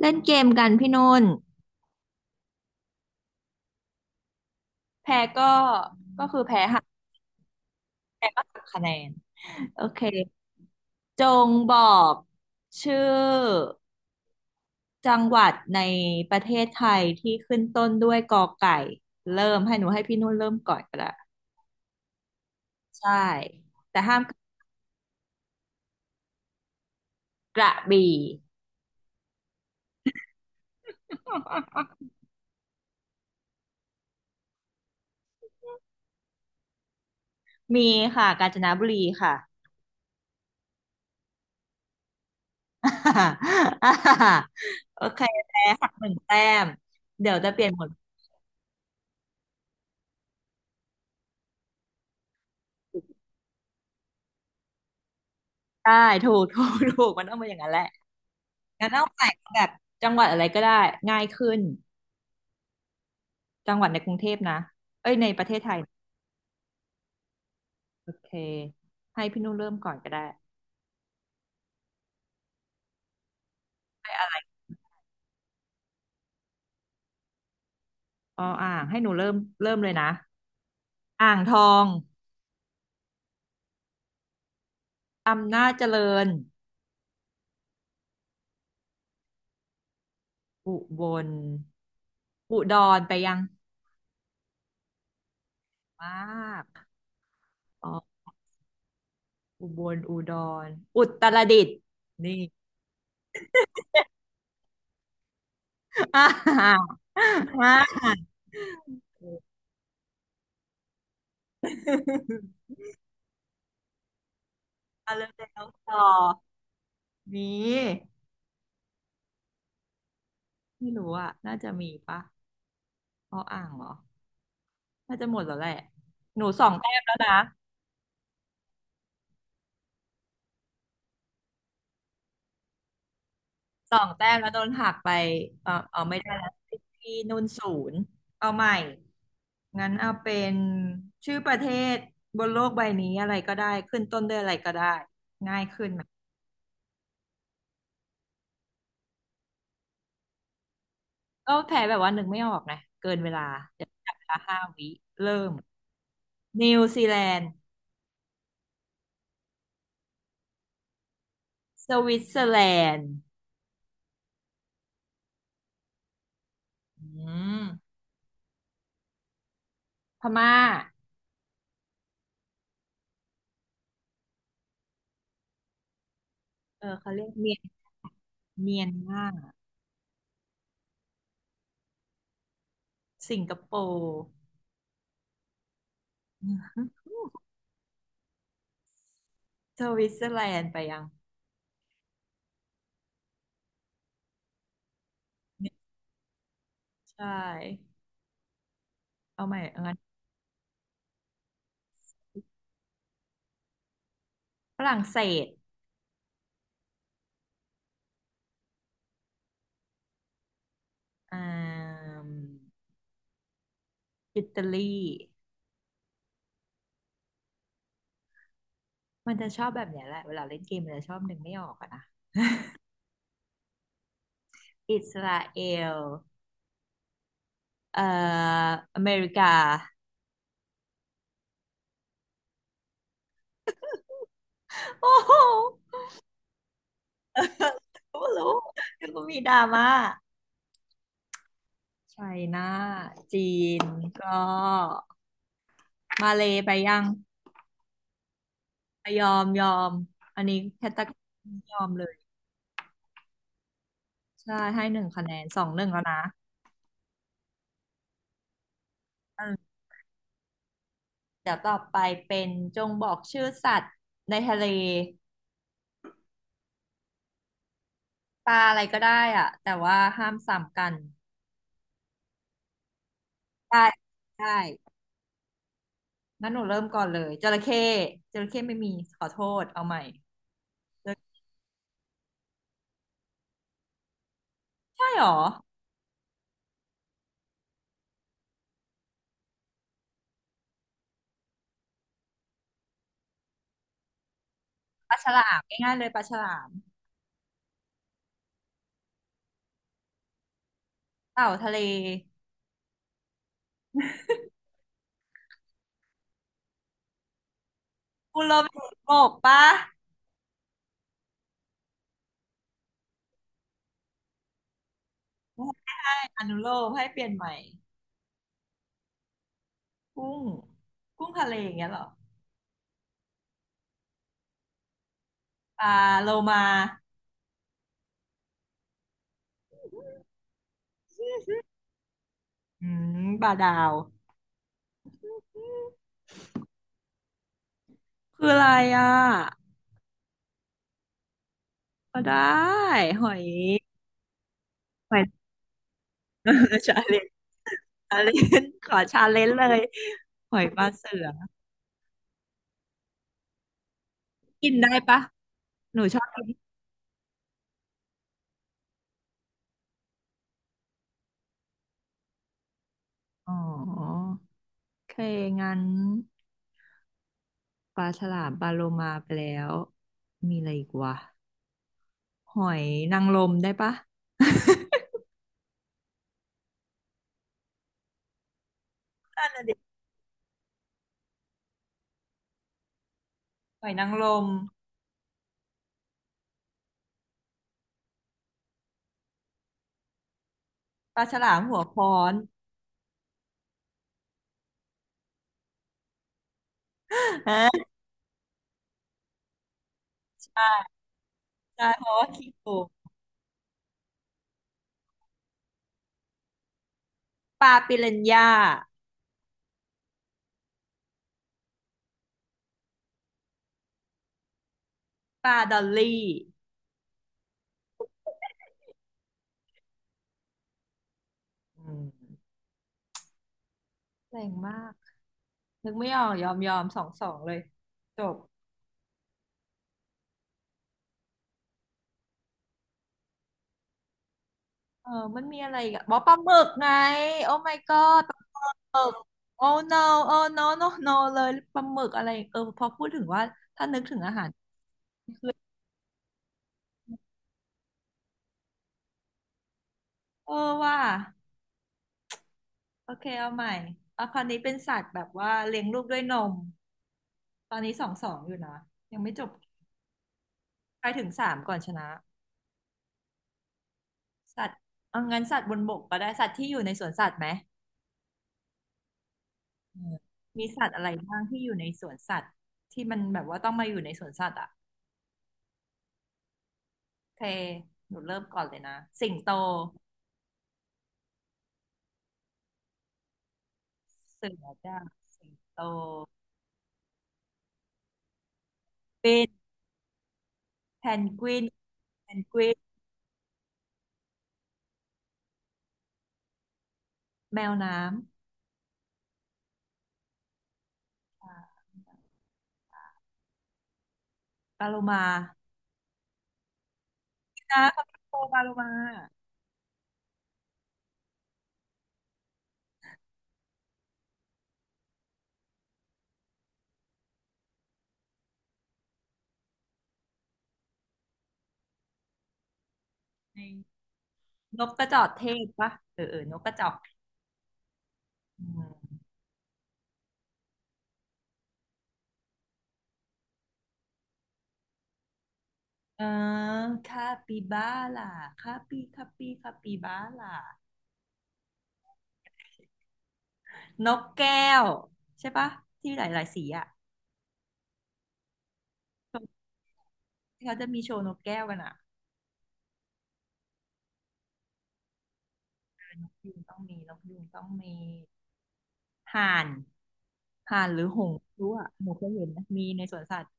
เล่นเกมกันพี่นุ่นแพ้ก็ก็คือแพ้หักคะแนน โอเค จงบอกชื่อจังหวัดในประเทศไทยที่ขึ้นต้นด้วยกอไก่ เริ่มให้หนูให้พี่นุ่นเริ่มก่อนก็ได้ใช่ แต่ห้ามกระบี่มีค่ะกาญจนบุรีค่ะ โอเคแพ้หักหนึ่งแต้มเดี๋ยวจะเปลี่ยนหมวดได้ถูกมันต้องเป็นอย่างนั้นแหละ งั้นเอาใหม่แบบจังหวัดอะไรก็ได้ง่ายขึ้นจังหวัดในกรุงเทพนะเอ้ยในประเทศไทยโอเคให้พี่นุ่นเริ่มก่อนก็ได้อ๋ออ่างให้หนูเริ่มเริ่มเลยนะอ่างทองอำนาจเจริญอุบลอุดรไปยังมากอ๋ออุบลอุดรอุตรดิตถ์นี่ อ่ามา เอ่ะเริ่มแล้วต่อมีไม่รู้อ่ะน่าจะมีปะอ้ออ่างเหรอ น่าจะหมดแล้วแหละ หนูสองแต้มแล้วนะสองแต้มแล้วโดนหักไป เออเอาไม่ได้แล้วที่นุ่นศูนย์ เอาใหม่ งั้นเอาเป็นชื่อประเทศบนโลกใบนี้อะไรก็ได้ ขึ้นต้นด้วยอะไรก็ได้ ง่ายขึ้นไหมก็แพ้แบบว่านึกไม่ออกนะเกินเวลาเดี๋ยวจับเวลาห้าวิเริ่มนิวซีแลนด์สวิตเซอร์แลนด์อืมพม่าเออเขาเรียกเมียนเมียนมาสิงคโปร์ สวิตเซอร์แลนด์ไปยังใช่เอาใหม่เอางั้นฝรั่งเศสอ่ามอิตาลีมันจะชอบแบบเนี้ยแหละเวลาเล่นเกมมันจะชอบนึกไม่ออกอะนะอิสราเอลเอ่ออเมริกาโอ้โหรู้แล้วก็มีดราม่าไชน่าจีนก็มาเลยไปยังยอมยอมอันนี้แคตตากรียอมเลยใช่ให้หนึ่งคะแนนสองหนึ่งแล้วนะเออ เดี๋ยวต่อไปเป็นจงบอกชื่อสัตว์ในทะเลปลาอะไรก็ได้อะแต่ว่าห้ามซ้ำกันได้ได้งั้นหนูเริ่มก่อนเลยจระเข้จระเข้ไม่มีขอโทษเอาใหม่ใช่หรอปลาฉลามง่ายๆเลยปลาฉลามเต่าทะเลคุณลมเห็กปะไม่ให้อนุโลมให้เปลี่ยนใหม่กุ้งกุ้งทะเลอย่างเงี้ยเหรอปลาโลมาอืมปลาดาวคืออะไรอ่ะก็ได้หอยหอย ชาเลนชาเลน ขอชาเลนเลยหอยปลาเสือกินได้ปะหนูชอบกินอ๋อโอเคงั้นปลาฉลามปลาโลมาไปแล้วมีอะไรอีกวะหอยนางรมได้ปะนั่นน่ะดิหอยนางรมปลาฉลามหัวค้อน ฮะใช่ใช่เพราะว่าขี้โกงปลาปิรันย่าปลาดอลลี่อืมแรงมากนึกไม่ออกยอมยอมสองสองเลยจบ เออมันมีอะไรอีกอะบอกปลาหมึกไงโอ้ my god ปลาหมึก oh no oh no no เลยปลาหมึกอะไรเออพอพูดถึงว่าถ้านึกถึงอาหารเออว่าโอเคเอาใหม่เอาคราวนี้เป็นสัตว์แบบว่าเลี้ยงลูกด้วยนมตอนนี้สองสองอยู่นะยังไม่จบไปถึงสามก่อนชนะสัตว์เอางั้นสัตว์บนบกก็ได้สัตว์ที่อยู่ในสวนสัตว์ไหมเออมีสัตว์อะไรบ้างที่อยู่ในสวนสัตว์ที่มันแบบว่าต้องมาอยู่ในสวนสัตว์อ่ะโอเคหนูเริ่มก่อนเลยนะสิงโต เสือจ้ะสิงโตเป็นแพนกวินแพนกวินแมวน้ำอ่าปลาโลมานะเขาเป็นโตปลาโลมาในนกกระจอกเทศปะเออเออนกกระจอกอืมเออคาปิบาร่าคาปิบาร่านกแก้วใช่ปะที่หลายๆสีอ่ะที่เขาจะมีโชว์นกแก้วกันอ่ะยูงต้องมีนกยูงต้องมีห่านห่านหรือหงส์ไม่รู้อ่ะหนูเคยเห็นนะมีในสวนสัตว์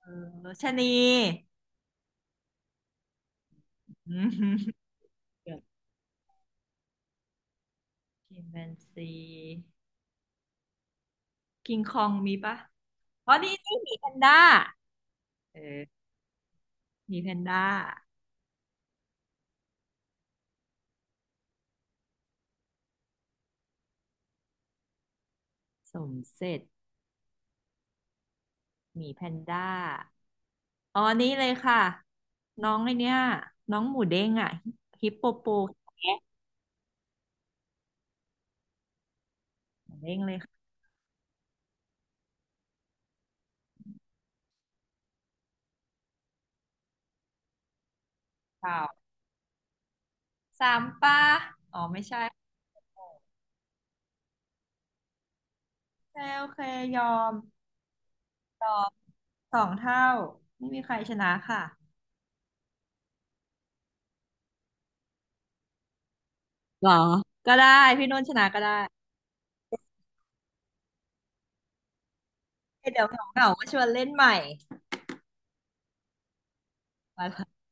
เออชะนีอืมเดชิมแปนซีกิงคองมีปะอ๋อนี่นี่หมีแพนด้าเออหมีแพนด้าสมเสร็จหมีแพนด้า อ๋อนี่เลยค่ะน้องไอเนี้ยน้องหมูเด้งอ่ะฮิปโปโปแคะหมูเด้งเลยค่ะข่าวสามป้าอ๋อไม่ใช่โอเคโอเคยอมตอบสองเท่าไม่มีใครชนะค่ะเหรอ ก็ได้พี่นุ่นชนะก็ได้ เดี๋ยวเหงาๆก็ชวนเล่นใหม่ไป